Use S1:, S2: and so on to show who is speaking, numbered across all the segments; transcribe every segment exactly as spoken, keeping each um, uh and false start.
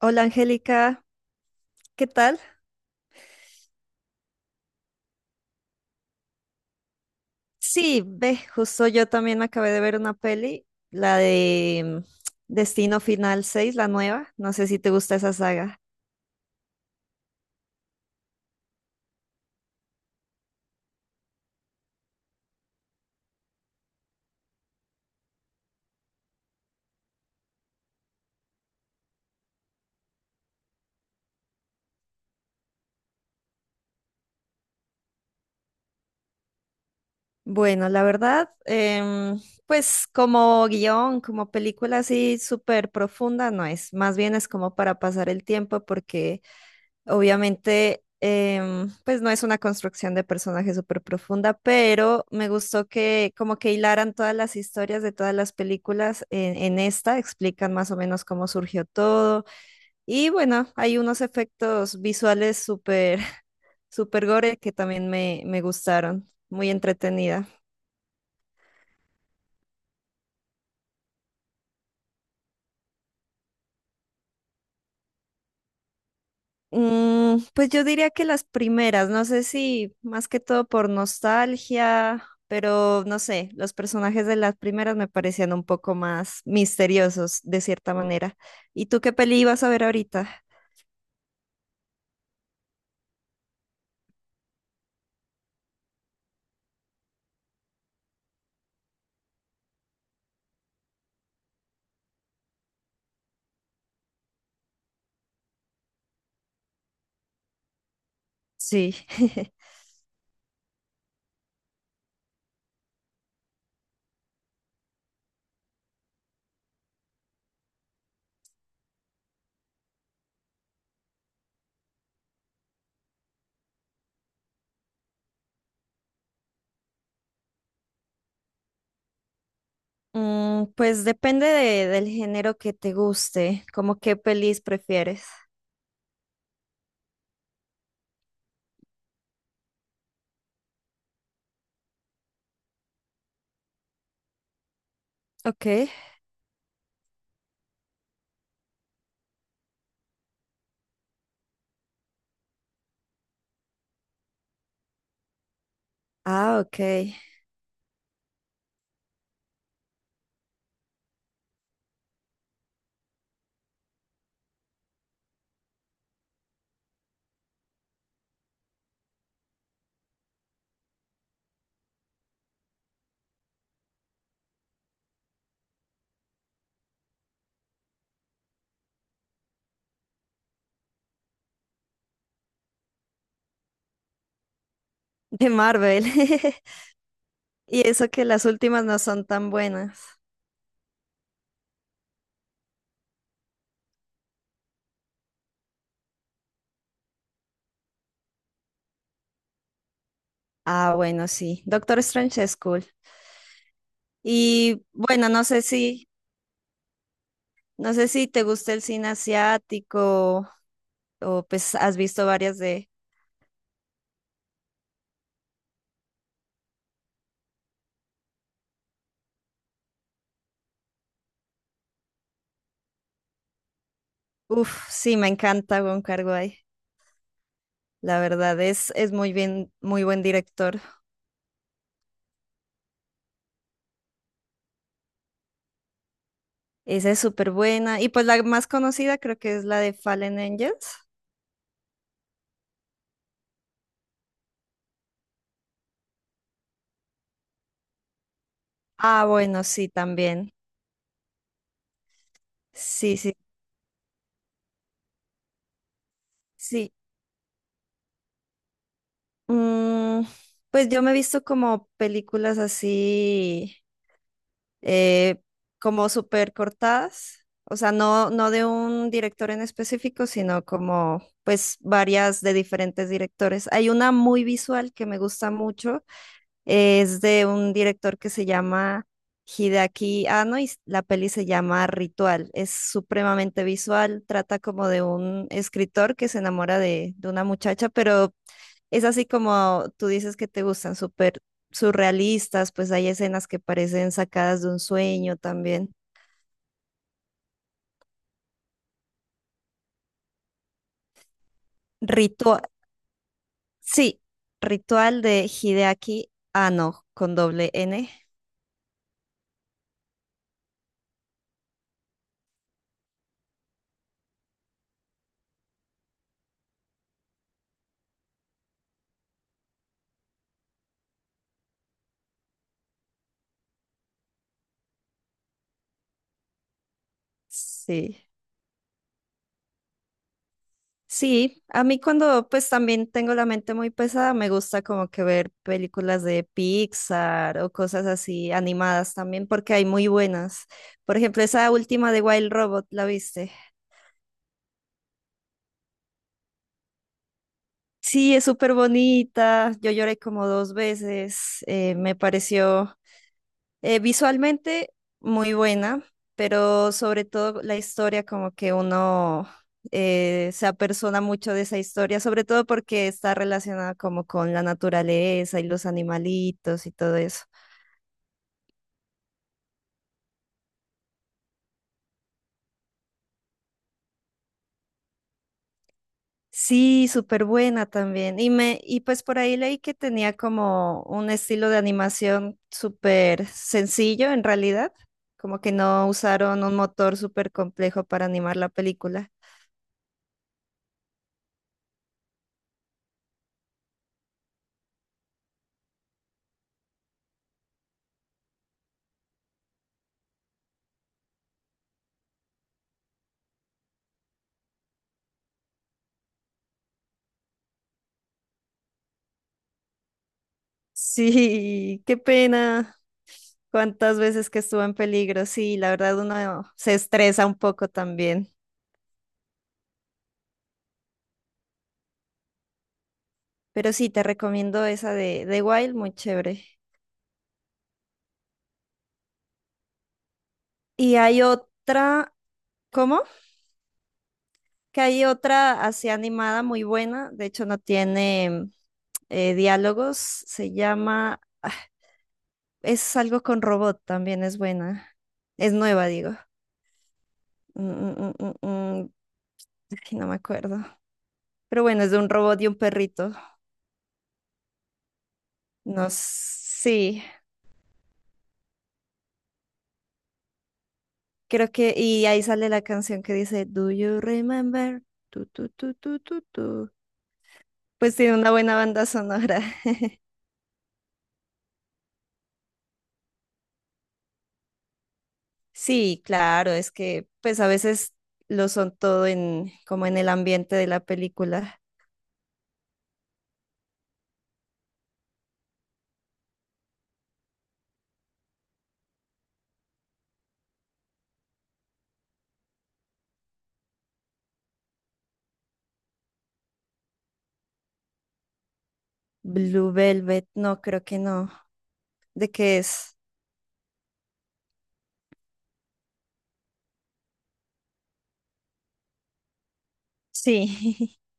S1: Hola Angélica, ¿qué tal? Sí, ve, justo yo también acabé de ver una peli, la de mm, Destino Final seis, la nueva. No sé si te gusta esa saga. Bueno, la verdad, em, pues como guión, como película así súper profunda no es, más bien es como para pasar el tiempo porque obviamente em, pues no es una construcción de personaje súper profunda, pero me gustó que como que hilaran todas las historias de todas las películas en, en esta, explican más o menos cómo surgió todo y bueno, hay unos efectos visuales súper, súper gore que también me, me gustaron, muy entretenida. Mm, pues yo diría que las primeras, no sé si más que todo por nostalgia, pero no sé, los personajes de las primeras me parecían un poco más misteriosos de cierta manera. ¿Y tú qué peli ibas a ver ahorita? Sí. Mm, pues depende de- del género que te guste, como qué pelis prefieres. Ok. Ah, ok. De Marvel. Y eso que las últimas no son tan buenas. Ah, bueno, sí. Doctor Strange es cool. Y bueno, no sé si, no sé si te gusta el cine asiático o pues has visto varias de... Uf, sí, me encanta Wong Kar-wai. La verdad es, es muy bien, muy buen director. Esa es súper buena. Y pues la más conocida creo que es la de Fallen Angels. Ah, bueno, sí, también. Sí, sí, sí. Mm, pues yo me he visto como películas así. eh, Como súper cortadas, o sea, no, no de un director en específico, sino como pues varias de diferentes directores. Hay una muy visual que me gusta mucho, es de un director que se llama Hideaki Anno y la peli se llama Ritual. Es supremamente visual, trata como de un escritor que se enamora de, de una muchacha, pero es así como tú dices que te gustan súper surrealistas, pues hay escenas que parecen sacadas de un sueño también. Ritual, sí, ritual de Hideaki Anno con doble N. Sí. Sí, a mí cuando pues también tengo la mente muy pesada, me gusta como que ver películas de Pixar o cosas así animadas también, porque hay muy buenas. Por ejemplo, esa última de Wild Robot, ¿la viste? Sí, es súper bonita. Yo lloré como dos veces. Eh, me pareció eh, visualmente muy buena, pero sobre todo la historia, como que uno eh, se apersona mucho de esa historia, sobre todo porque está relacionada como con la naturaleza y los animalitos y todo eso. Sí, súper buena también. Y me, y pues por ahí leí que tenía como un estilo de animación súper sencillo en realidad, como que no usaron un motor súper complejo para animar la película. Sí, qué pena. Cuántas veces que estuvo en peligro. Sí, la verdad uno se estresa un poco también. Pero sí, te recomiendo esa de, de Wild, muy chévere. Y hay otra, ¿cómo? Que hay otra así animada muy buena, de hecho no tiene eh, diálogos, se llama, ah, es algo con robot también, es buena, es nueva, digo. Mm, mm, mm, mm, mm, ay, no me acuerdo. Pero bueno, es de un robot y un perrito. No, s- sí, creo que, y ahí sale la canción que dice, "Do you remember? Tu, tu, tu, tu, tu, tu". Pues tiene una buena banda sonora. Sí, claro, es que pues a veces lo son todo en como en el ambiente de la película. Blue Velvet, no, creo que no. ¿De qué es? Sí.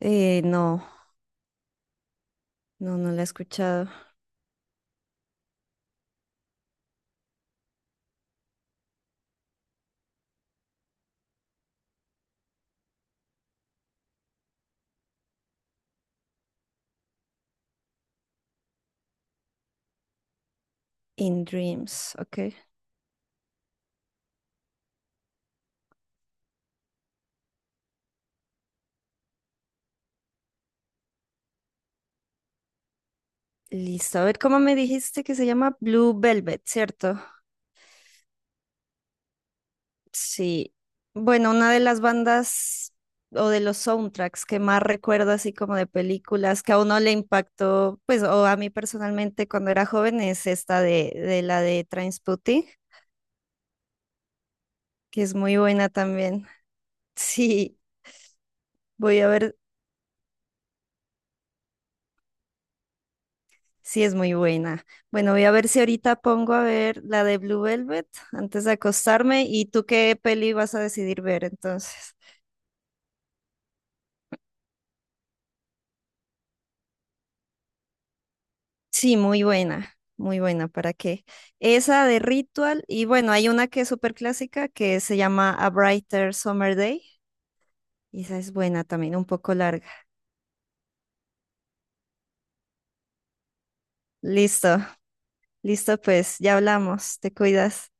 S1: Eh, no, no, no la he escuchado. In Dreams, ok. Listo, a ver cómo me dijiste que se llama Blue Velvet, ¿cierto? Sí, bueno, una de las bandas o de los soundtracks que más recuerdo así como de películas que a uno le impactó, pues, o a mí personalmente cuando era joven es esta de, de la de Trainspotting, que es muy buena también. Sí, voy a ver, sí es muy buena. Bueno, voy a ver si ahorita pongo a ver la de Blue Velvet antes de acostarme y tú qué peli vas a decidir ver entonces. Sí, muy buena, muy buena, ¿para qué? Esa de Ritual, y bueno, hay una que es súper clásica que se llama A Brighter Summer Day, y esa es buena también, un poco larga. Listo, listo, pues ya hablamos, te cuidas.